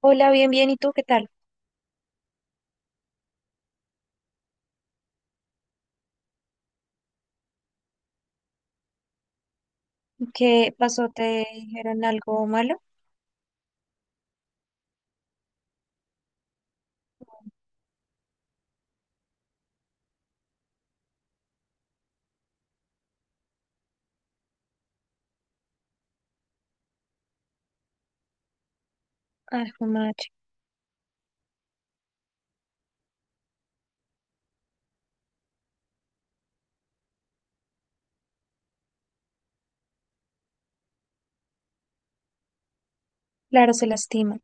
Hola, bien, bien. ¿Y tú qué tal? ¿Qué pasó? ¿Te dijeron algo malo? Ay, jue madre. Claro, se lastima.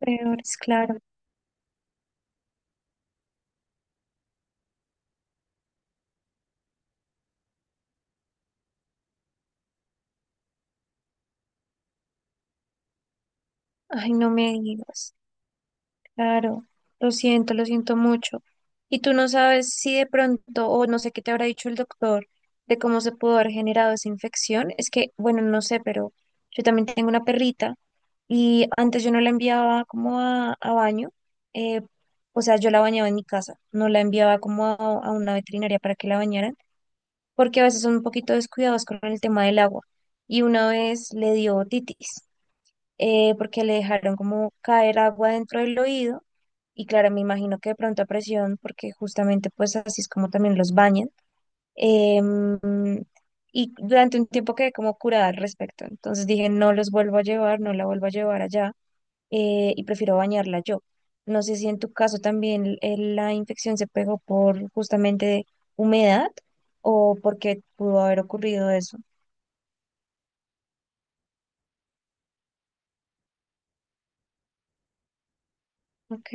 Peor es claro. Ay, no me digas. Claro. Lo siento mucho. Y tú no sabes si de pronto, o no sé qué te habrá dicho el doctor de cómo se pudo haber generado esa infección. Es que, bueno, no sé, pero yo también tengo una perrita y antes yo no la enviaba como a baño. eh, o sea, yo la bañaba en mi casa, no la enviaba como a una veterinaria para que la bañaran porque a veces son un poquito descuidados con el tema del agua. Y una vez le dio otitis, porque le dejaron como caer agua dentro del oído. Y claro, me imagino que de pronto a presión, porque justamente pues así es como también los bañan. Em, y durante un tiempo quedé como curada al respecto. Entonces dije, no los vuelvo a llevar, no la vuelvo a llevar allá, y prefiero bañarla yo. No sé si en tu caso también la infección se pegó por justamente humedad o porque pudo haber ocurrido eso. Ok,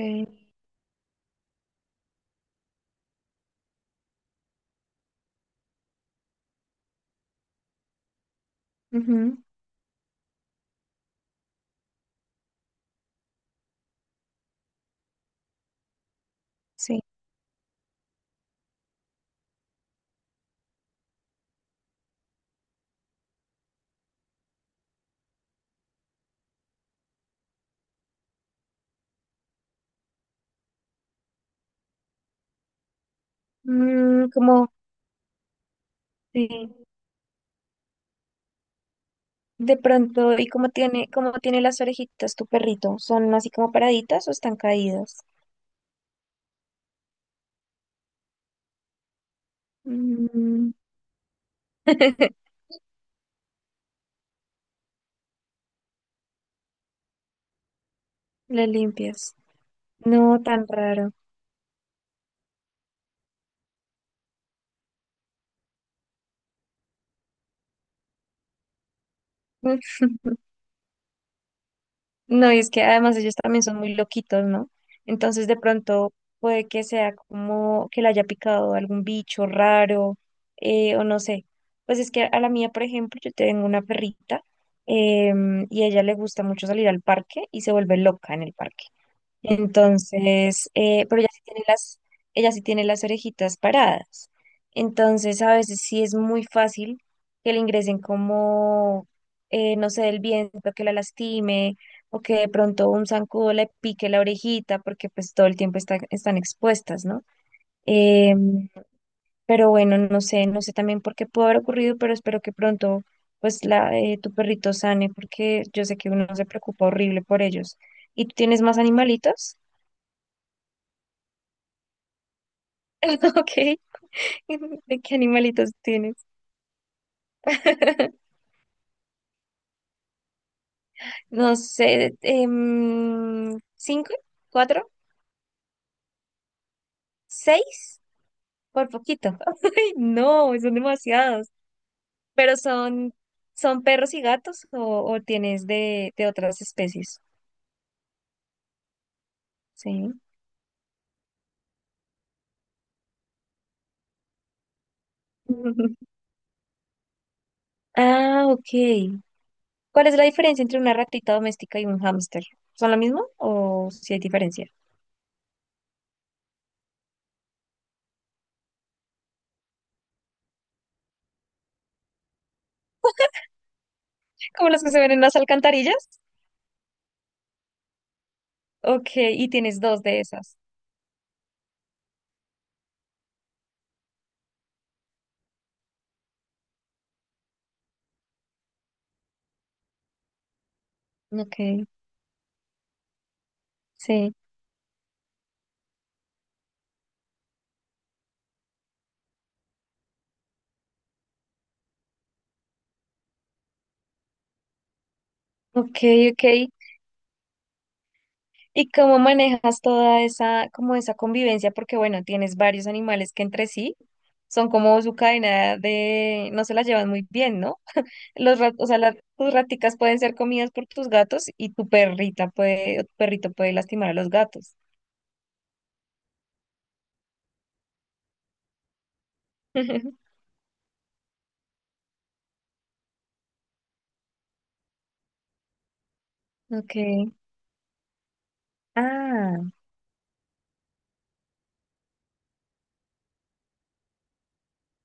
ujú, sí. Mm, como sí. De pronto, ¿y cómo tiene las orejitas tu perrito? ¿Son así como paraditas o están caídas? Mm. Le limpias. No, tan raro. No, y es que además ellos también son muy loquitos, ¿no? Entonces de pronto puede que sea como que le haya picado algún bicho raro, o no sé. Pues es que a la mía, por ejemplo, yo tengo una perrita, y a ella le gusta mucho salir al parque y se vuelve loca en el parque. Entonces, pero ella sí tiene ella sí tiene las orejitas paradas. Entonces, a veces sí es muy fácil que le ingresen como, no sé, el viento que la lastime o que de pronto un zancudo le pique la orejita porque pues todo el tiempo están expuestas, ¿no? Em, pero bueno, no sé, no sé también por qué pudo haber ocurrido, pero espero que pronto pues tu perrito sane porque yo sé que uno se preocupa horrible por ellos. ¿Y tú tienes más animalitos? Ok, ¿de qué animalitos tienes? No sé, ¿cinco? ¿Cuatro? ¿Seis? Por poquito. No, son demasiados. Pero son, son perros y gatos o tienes de otras especies. Sí. Ah, ok. ¿Cuál es la diferencia entre una ratita doméstica y un hámster? ¿Son lo mismo o si hay diferencia? ¿Como las que se ven en las alcantarillas? Ok, y tienes dos de esas. Ok, sí. Ok, ok. ¿Y cómo manejas toda esa, como esa convivencia? Porque bueno, tienes varios animales que entre sí son como su cadena de, no se las llevan muy bien, ¿no? Los rat, o sea, las, tus raticas pueden ser comidas por tus gatos y tu perrita puede, o tu perrito puede lastimar a los gatos. Ok. Ah,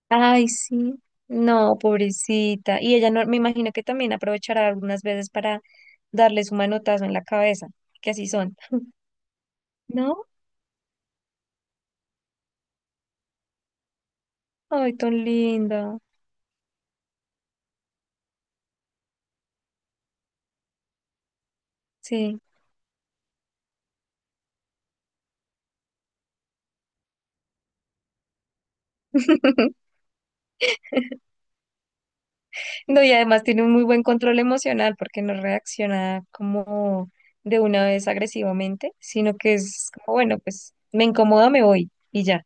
ay, sí. No, pobrecita. Y ella no, me imagino que también aprovechará algunas veces para darle su manotazo en la cabeza, que así son, ¿no? Ay, tan linda. Sí. No, y además tiene un muy buen control emocional porque no reacciona como de una vez agresivamente, sino que es como, bueno, pues me incomoda, me voy y ya.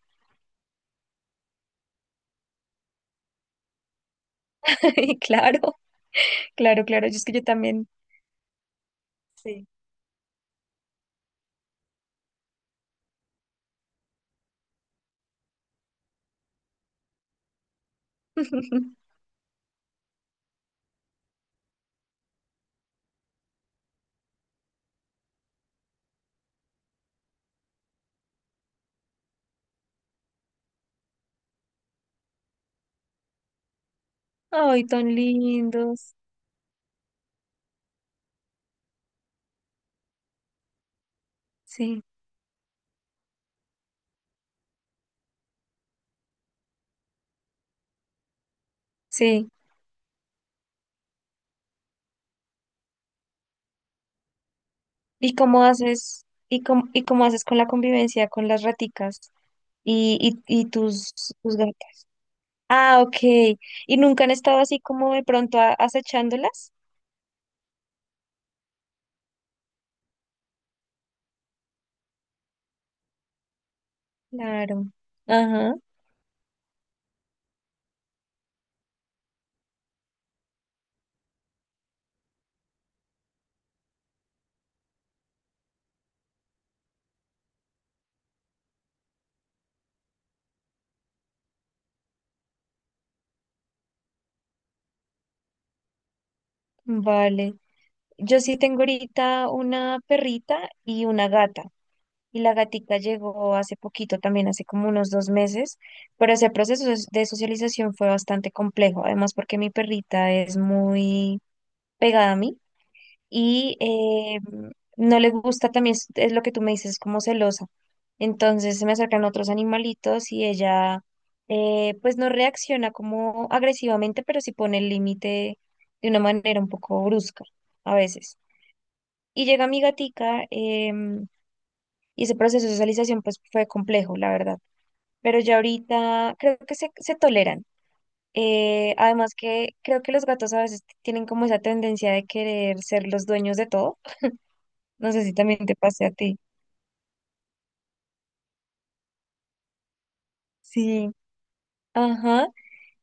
Y claro, claro, claro. Yo es que yo también, sí. Ay, tan lindos. Sí, sí. Y cómo haces con la convivencia con las raticas y, y tus, tus gatas? Ah, ok. ¿Y nunca han estado así como de pronto acechándolas? Claro. Ajá, vale. Yo sí tengo ahorita una perrita y una gata. Y la gatica llegó hace poquito también, hace como unos dos meses, pero ese proceso de socialización fue bastante complejo, además porque mi perrita es muy pegada a mí. Y no le gusta también, es lo que tú me dices, es como celosa. Entonces se me acercan otros animalitos y ella, pues no reacciona como agresivamente, pero sí pone el límite de una manera un poco brusca a veces. Y llega mi gatica, em, y ese proceso de socialización pues fue complejo, la verdad. Pero ya ahorita creo que se toleran. Además que creo que los gatos a veces tienen como esa tendencia de querer ser los dueños de todo. No sé si también te pase a ti. Sí, ajá.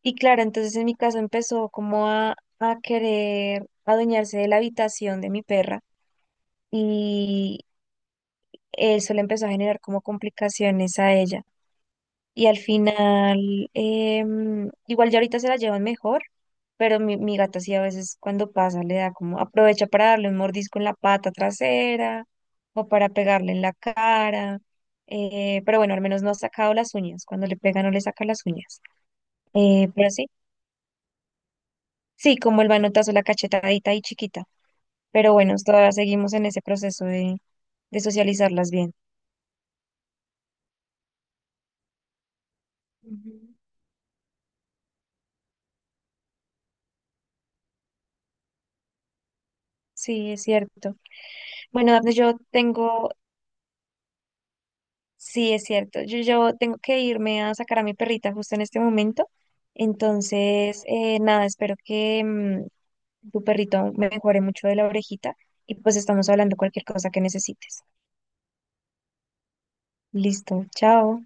Y claro, entonces en mi caso empezó como a querer adueñarse de la habitación de mi perra y eso le empezó a generar como complicaciones a ella. Y al final, igual ya ahorita se la llevan mejor, pero mi gata sí a veces cuando pasa le da como aprovecha para darle un mordisco en la pata trasera o para pegarle en la cara. Pero bueno, al menos no ha sacado las uñas. Cuando le pega no le saca las uñas. Pero sí, sí, como el manotazo, la cachetadita y chiquita. Pero bueno, todavía seguimos en ese proceso de socializarlas bien. Ujú. Sí, es cierto. Bueno, Dafne, yo tengo, sí, es cierto. Yo tengo que irme a sacar a mi perrita justo en este momento. Entonces, nada, espero que tu perrito me mejore mucho de la orejita y pues estamos hablando cualquier cosa que necesites. Listo, chao.